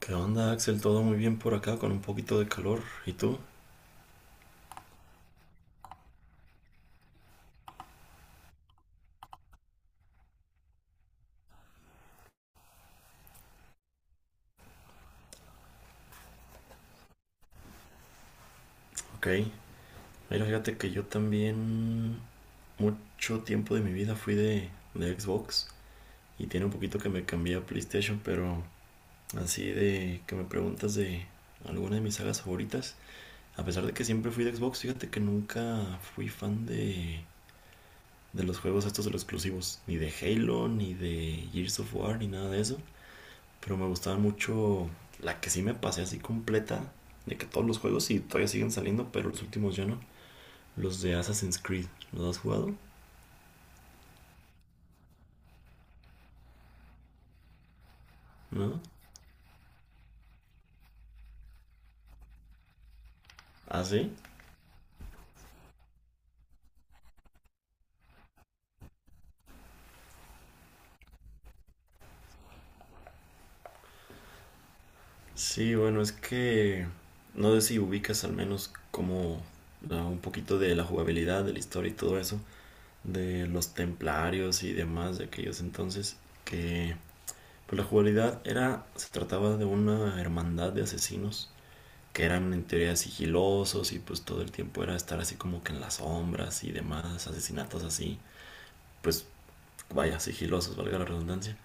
¿Qué onda, Axel? Todo muy bien por acá, con un poquito de calor. ¿Y tú? Ok. Mira, fíjate que yo también mucho tiempo de mi vida fui de Xbox y tiene un poquito que me cambié a PlayStation, pero así de que me preguntas de alguna de mis sagas favoritas, a pesar de que siempre fui de Xbox, fíjate que nunca fui fan de los juegos estos de los exclusivos, ni de Halo, ni de Gears of War, ni nada de eso. Pero me gustaba mucho la que sí me pasé así completa. De que todos los juegos sí todavía siguen saliendo, pero los últimos ya no. Los de Assassin's Creed. ¿Los has jugado? ¿No? ¿Ah, sí? Sí, bueno, es que no sé si ubicas al menos como un poquito de la jugabilidad, de la historia y todo eso, de los templarios y demás de aquellos entonces, que pues la jugabilidad era, se trataba de una hermandad de asesinos que eran en teoría sigilosos y pues todo el tiempo era estar así como que en las sombras y demás, asesinatos así, pues vaya, sigilosos, valga la redundancia.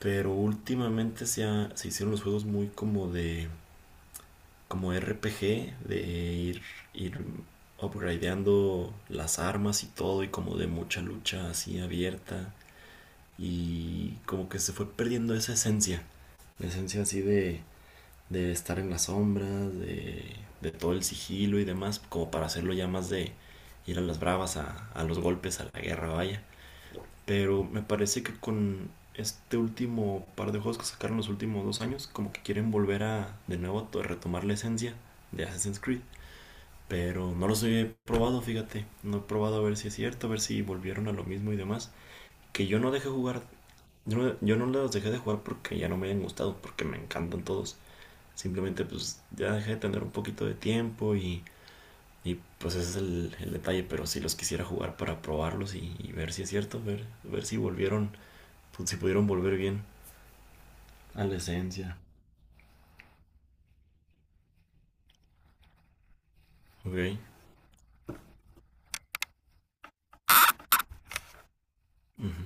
Pero últimamente se hicieron los juegos muy como de, como RPG, de ir, ir upgradeando las armas y todo y como de mucha lucha así abierta y como que se fue perdiendo esa esencia, la esencia así de estar en las sombras, de todo el sigilo y demás, como para hacerlo ya más de ir a las bravas, a los golpes, a la guerra, vaya. Pero me parece que con este último par de juegos que sacaron los últimos dos años, como que quieren volver a de nuevo a retomar la esencia de Assassin's Creed. Pero no los he probado, fíjate. No he probado a ver si es cierto, a ver si volvieron a lo mismo y demás. Que yo no dejé jugar, yo no los dejé de jugar porque ya no me hayan gustado, porque me encantan todos. Simplemente pues ya dejé de tener un poquito de tiempo y pues ese es el detalle, pero si los quisiera jugar para probarlos y ver si es cierto, ver si volvieron, pues, si pudieron volver bien a la esencia. Ok. Ujú.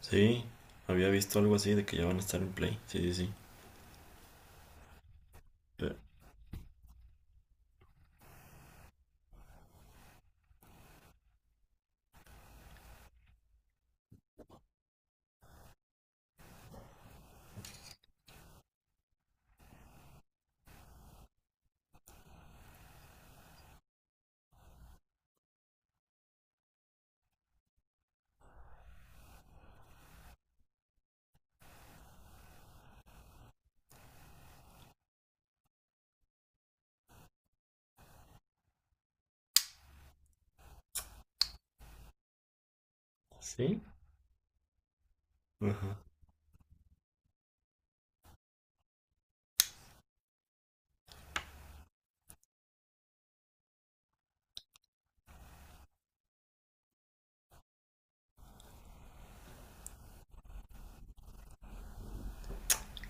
Sí, había visto algo así de que ya van a estar en Play. Sí, sí, sí. Eh, ¿sí? Ajá.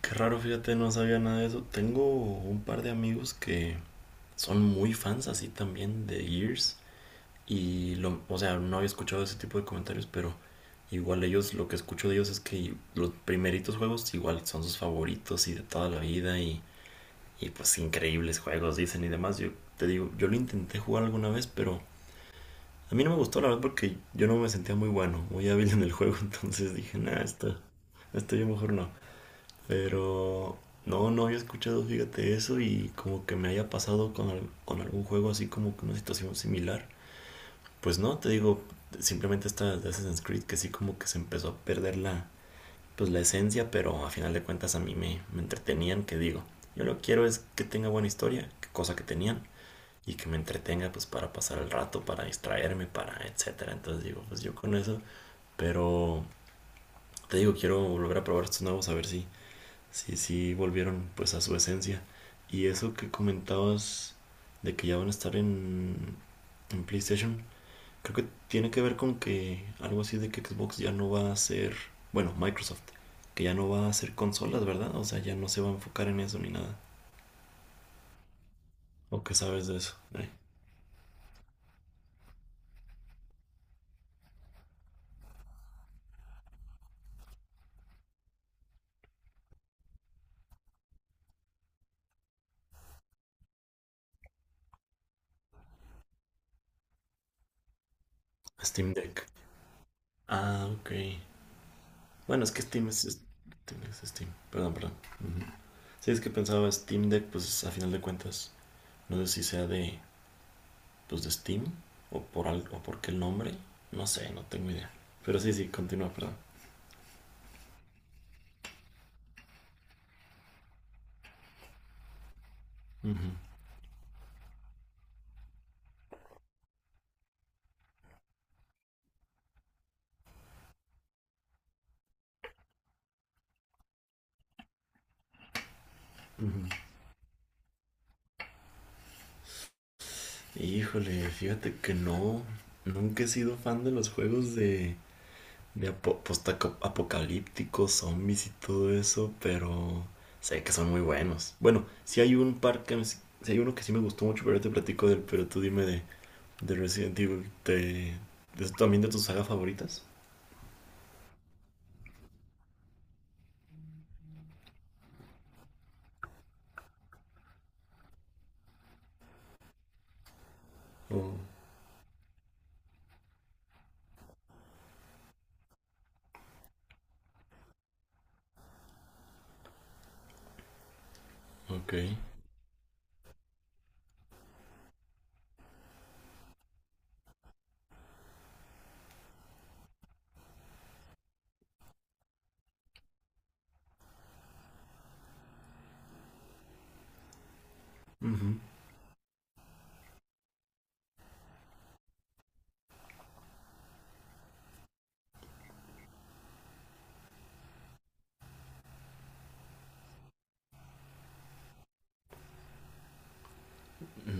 Qué raro, fíjate, no sabía nada de eso. Tengo un par de amigos que son muy fans así también de Gears. O sea, no había escuchado ese tipo de comentarios, pero igual ellos, lo que escucho de ellos es que los primeritos juegos igual son sus favoritos y de toda la vida y pues increíbles juegos dicen y demás. Yo te digo, yo lo intenté jugar alguna vez, pero a mí no me gustó la verdad porque yo no me sentía muy bueno, muy hábil en el juego, entonces dije, nah, esto yo mejor no. Pero no, no había escuchado, fíjate eso y como que me haya pasado con algún juego así como que una situación similar. Pues no, te digo, simplemente esta de Assassin's Creed que sí como que se empezó a perder pues la esencia, pero a final de cuentas a me entretenían, que digo, yo lo que quiero es que tenga buena historia, que cosa que tenían, y que me entretenga pues para pasar el rato, para distraerme, para etcétera. Entonces digo, pues yo con eso, pero te digo, quiero volver a probar estos nuevos a ver si volvieron pues a su esencia. Y eso que comentabas de que ya van a estar en PlayStation. Creo que tiene que ver con que algo así de que Xbox ya no va a ser, bueno, Microsoft, que ya no va a hacer consolas, ¿verdad? O sea, ya no se va a enfocar en eso ni nada. ¿O qué sabes de eso? Steam Deck. Ah, ok. Bueno, es que Steam, es Steam. Perdón, perdón. Ujú. Sí, es que pensaba Steam Deck, pues a final de cuentas, no sé si sea de, pues, de Steam o por algo, o por qué el nombre, no sé, no tengo idea. Pero sí, sí, continúa, perdón. Ujú, ujú. Híjole, fíjate que no. Nunca he sido fan de los juegos de apocalípticos, zombies y todo eso, pero sé que son muy buenos. Bueno, si hay un par que sí hay uno que sí me gustó mucho, pero ahorita te platico del, pero tú dime de Resident Evil, ¿de es también de tus sagas favoritas? Oh, ok. Ujú.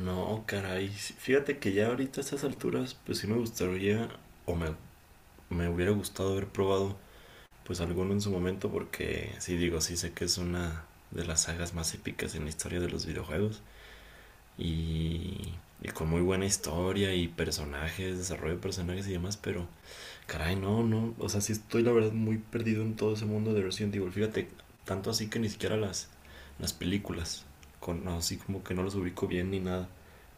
No, caray. Sí, fíjate que ya ahorita a estas alturas, pues sí me gustaría, o me, me hubiera gustado haber probado pues alguno en su momento porque sí digo, sí sé que es una de las sagas más épicas en la historia de los videojuegos y, y con muy buena historia y personajes, desarrollo de personajes y demás, pero caray, no, no, o sea, sí estoy la verdad muy perdido en todo ese mundo de Resident Evil, fíjate, tanto así que ni siquiera las películas, con, no, así como que no los ubico bien ni nada,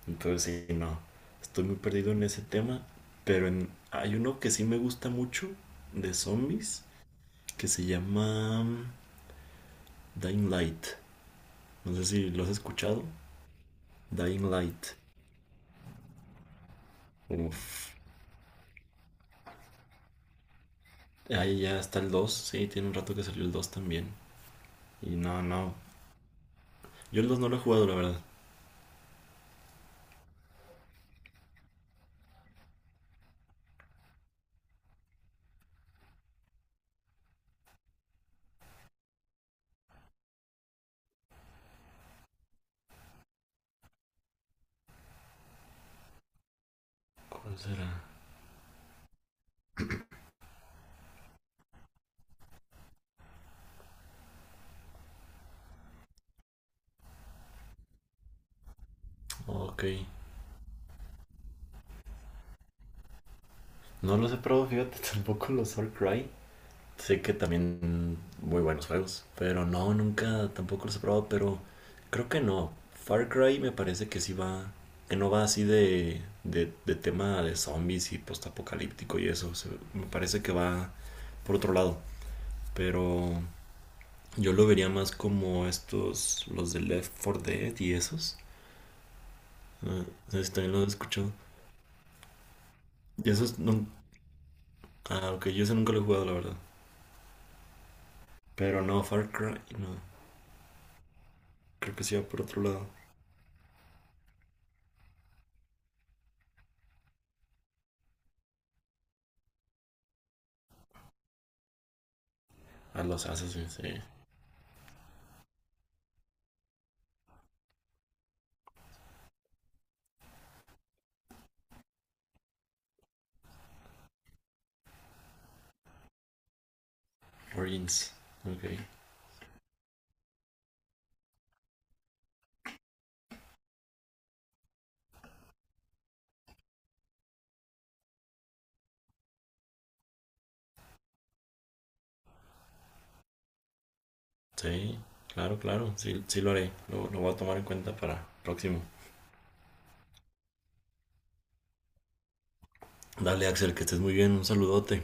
entonces sí, no, estoy muy perdido en ese tema, pero en, hay uno que sí me gusta mucho de zombies que se llama Dying Light. No sé si lo has escuchado. Dying Light. Uf. Ahí ya está el dos. Sí, tiene un rato que salió el 2 también. Y no, no. Yo el 2 no lo he jugado, la verdad. ¿Cuál será? Ok. No los he probado, fíjate, tampoco los All Cry. Sé que también muy buenos juegos, pero no, nunca tampoco los he probado, pero creo que no. Far Cry me parece que sí va, que no va así de tema de zombies y postapocalíptico y eso. Me parece que va por otro lado, pero yo lo vería más como estos, los de Left 4 Dead y esos. No no sé si también lo he escuchado. Y esos no, ah, ok, yo ese nunca lo he jugado, la verdad. Pero no, Far Cry, no. Creo que sí va por otro lado. A los Assassins, sí. Origins. Ok. Sí, claro, claro. Sí, sí lo haré. Lo voy a tomar en cuenta para el próximo. Dale, Axel, que estés muy bien. Un saludote.